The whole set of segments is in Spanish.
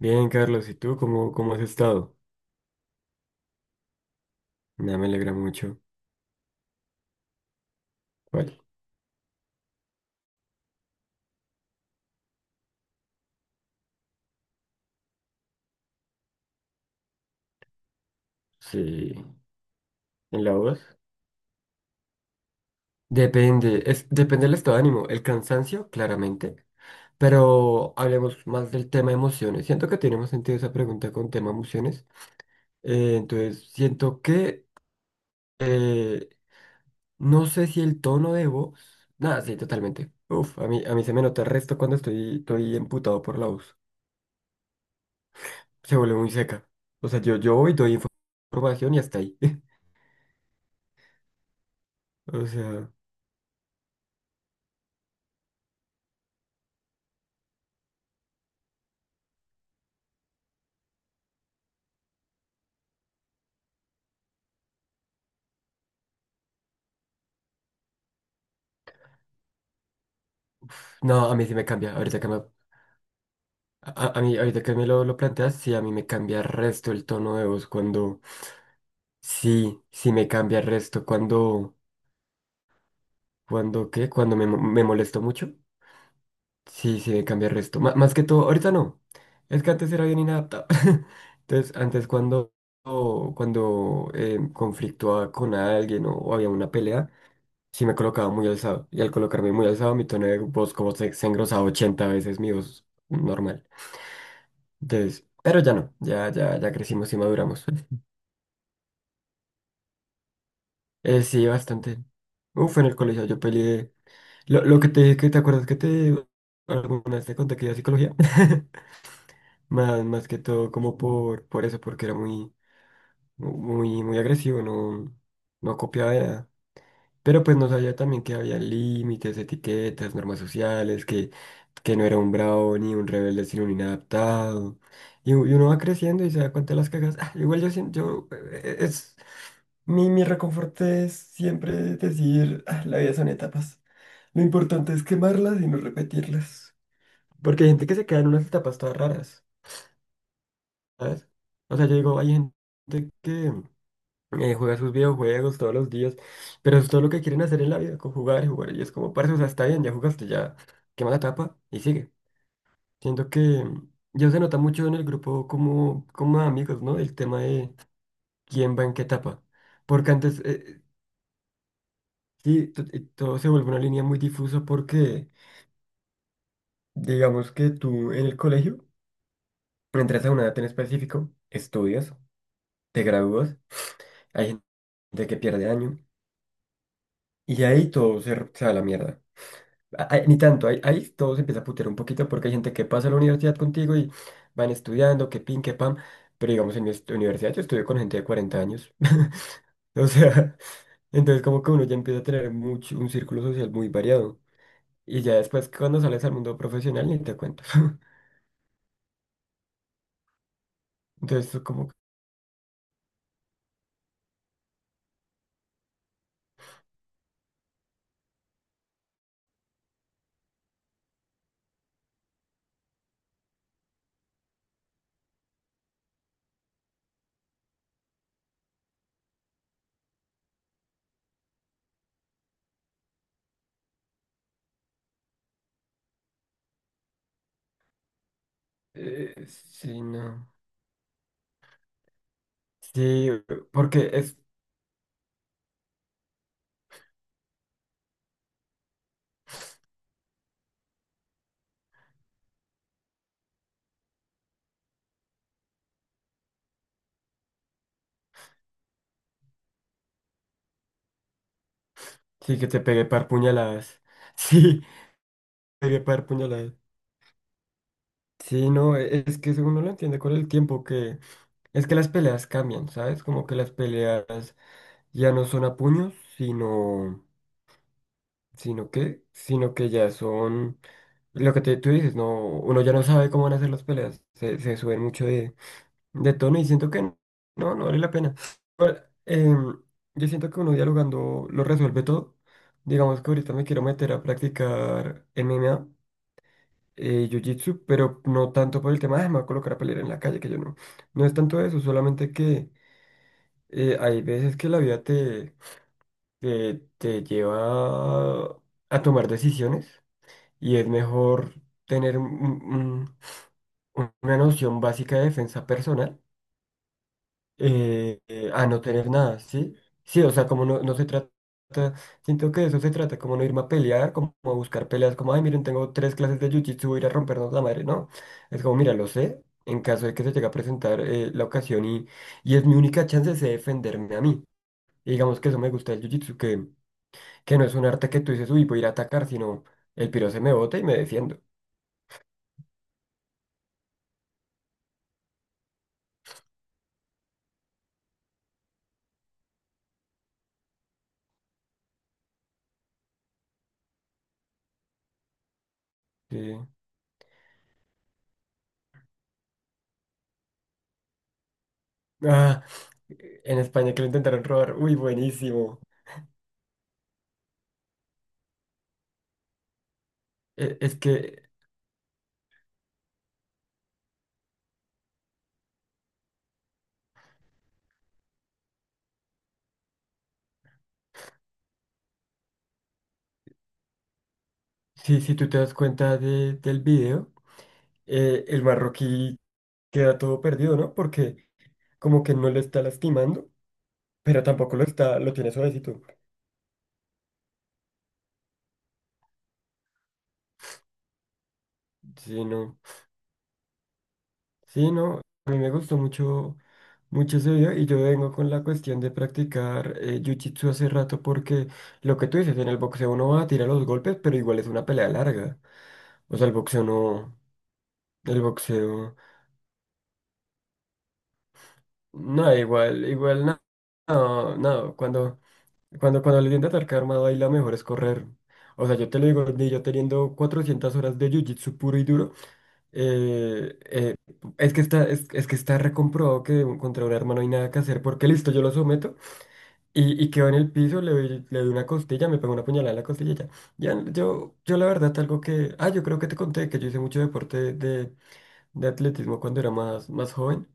Bien, Carlos, ¿y tú cómo has estado? Nada, me alegra mucho. ¿Cuál? Sí, en la voz. Depende, depende del estado de ánimo, el cansancio, claramente, pero hablemos más del tema emociones. Siento que tiene más sentido esa pregunta con tema emociones. Entonces, siento que eh, no sé si el tono de voz. Nada, sí, totalmente. Uf, a mí se me nota el resto cuando estoy emputado por la voz. Se vuelve muy seca. O sea, yo voy, doy información y hasta ahí. O sea. No, a mí sí me cambia. A mí, ahorita que me lo planteas, sí, a mí me cambia el resto el tono de voz. Sí, sí me cambia el resto ¿qué? Cuando me molesto mucho. Sí, sí me cambia el resto. Más que todo, ahorita no. Es que antes era bien inadaptado. Entonces, o cuando conflictuaba con alguien o había una pelea, sí me colocaba muy alzado. Y al colocarme muy alzado, mi tono de voz como se engrosaba 80 veces mi voz normal. Entonces, pero ya no, ya crecimos y maduramos. Sí, bastante. Uf, en el colegio yo peleé. Lo que te dije, que te acuerdas que te alguna vez te conté que iba a psicología. Más que todo como por eso, porque era muy, muy agresivo, no copiaba de nada. Pero pues no sabía también que había límites, etiquetas, normas sociales, que no era un bravo ni un rebelde, sino un inadaptado. Y uno va creciendo y se da cuenta de las cagas. Ah, igual yo siento, mi reconforte es siempre decir: "Ah, la vida son etapas. Lo importante es quemarlas y no repetirlas. Porque hay gente que se queda en unas etapas todas raras, ¿sabes?". O sea, yo digo, hay gente que juega sus videojuegos todos los días, pero es todo lo que quieren hacer en la vida, con jugar y jugar. Y es como, parce, o sea, está bien, ya jugaste, ya quema la tapa y sigue. Siento que ya se nota mucho en el grupo como, como amigos, ¿no? El tema de quién va en qué etapa. Porque antes, sí, todo se vuelve una línea muy difusa porque, digamos que tú en el colegio entras a una edad en específico, estudias, te gradúas, hay gente que pierde año y ahí todo se va a la mierda. Ahí- ni tanto, ahí todo se empieza a putear un poquito porque hay gente que pasa a la universidad contigo y van estudiando, que pin, que pam, pero digamos en mi universidad yo estudio con gente de 40 años, o sea, entonces como que uno ya empieza a tener mucho, un círculo social muy variado y ya después cuando sales al mundo profesional ni te cuento. Entonces es como, que, sí, no, sí, porque es, sí que te pegué par puñaladas, sí, pegué par puñaladas, sí, no, es que eso uno lo entiende con el tiempo. Es que las peleas cambian, ¿sabes? Como que las peleas ya no son a puños, sino que ya son lo que tú dices, no, uno ya no sabe cómo van a ser las peleas, se suben mucho de tono y siento que no, no vale la pena. Pero, em, yo siento que uno dialogando lo resuelve todo. Digamos que ahorita me quiero meter a practicar MMA, Jiu-Jitsu, pero no tanto por el tema de "Ah, me voy a colocar a pelear en la calle, que yo no". No es tanto eso, solamente que hay veces que la vida te lleva a tomar decisiones y es mejor tener una noción básica de defensa personal a no tener nada, ¿sí? Sí, o sea, como no, no se trata, siento que de eso se trata, como no irme a pelear, como a buscar peleas, como, ay, miren, tengo tres clases de jiu-jitsu, voy a ir a rompernos la madre, no. Es como, mira, lo sé, en caso de que se llegue a presentar la ocasión y es mi única chance de defenderme a mí. Y digamos que eso me gusta del jiu-jitsu, que no es un arte que tú dices, uy, voy a ir a atacar, sino el piro se me bota y me defiendo. Sí. Ah, en España que lo intentaron robar, uy, buenísimo. Es que, sí, si tú te das cuenta del video, el marroquí queda todo perdido, ¿no? Porque como que no le está lastimando, pero tampoco lo está, lo tiene suavecito. Sí, no. Sí, no, a mí me gustó mucho, mucho ese video y yo vengo con la cuestión de practicar jiu-jitsu hace rato porque lo que tú dices, en el boxeo uno va a tirar los golpes, pero igual es una pelea larga. O sea, el boxeo, no, igual, igual, no, cuando le tiende a atacar armado ahí la mejor es correr. O sea, yo te lo digo, ni yo teniendo 400 horas de jiu-jitsu puro y duro. Eh, eh, es que está, es que está recomprobado que contra un arma no hay nada que hacer, porque listo, yo lo someto y quedo en el piso, le doy una costilla, me pego una puñalada en la costilla y ya. Ya, yo la verdad, algo que... Ah, yo creo que te conté que yo hice mucho deporte de atletismo cuando era más joven.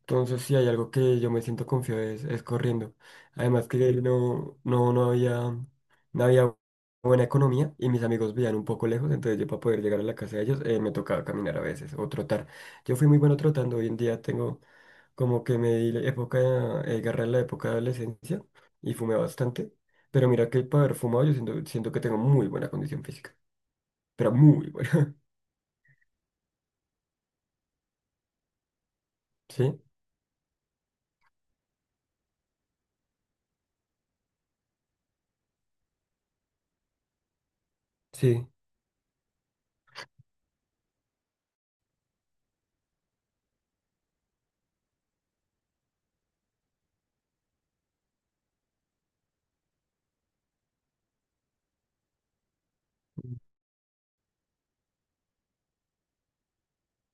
Entonces, si hay algo que yo me siento confiado es corriendo. Además que no había, no había buena economía y mis amigos vivían un poco lejos, entonces yo para poder llegar a la casa de ellos me tocaba caminar a veces o trotar. Yo fui muy bueno trotando, hoy en día tengo como que me di la época, garra en la época de adolescencia y fumé bastante. Pero mira que para haber fumado yo siento, siento que tengo muy buena condición física, pero muy buena. Sí, sí.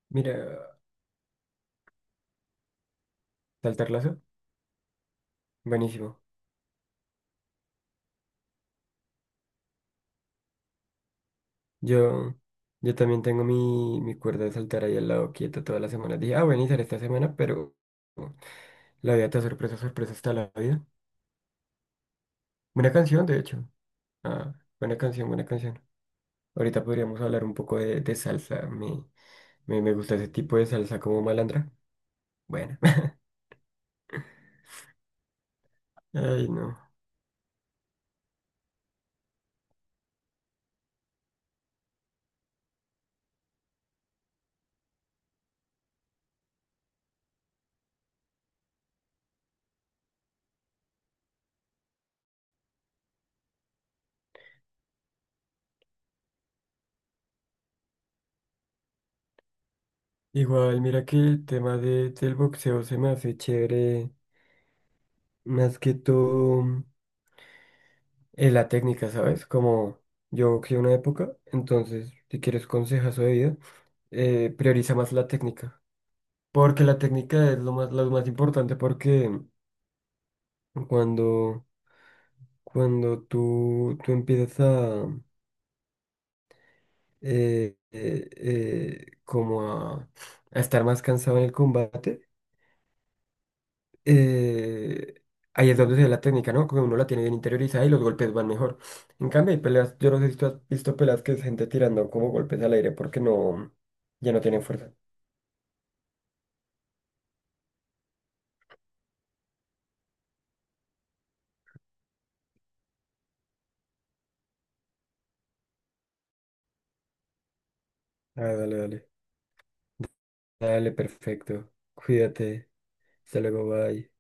Mira, saltar lazo. Buenísimo. Yo, yo también tengo mi cuerda de saltar ahí al lado quieta toda la semana. Dije, ah, voy a iniciar esta semana, pero la vida te da sorpresa, sorpresa está la vida. Buena canción, de hecho. Ah, buena canción, buena canción. Ahorita podríamos hablar un poco de salsa. Me gusta ese tipo de salsa como malandra. Bueno. Ay, no. Igual, mira que el tema del boxeo se me hace chévere. Más que todo. La técnica, ¿sabes? Como yo que una época, entonces, si quieres consejazo de vida, prioriza más la técnica. Porque la técnica es lo más importante, porque cuando, cuando tú empiezas a, como a estar más cansado en el combate, eh, ahí es donde se ve la técnica, ¿no? Como uno la tiene bien interiorizada y los golpes van mejor. En cambio, hay peleas, yo no sé si tú has visto peleas que es gente tirando como golpes al aire porque no, ya no tienen fuerza. Ah, dale, dale. Dale, perfecto. Cuídate. Hasta luego, bye.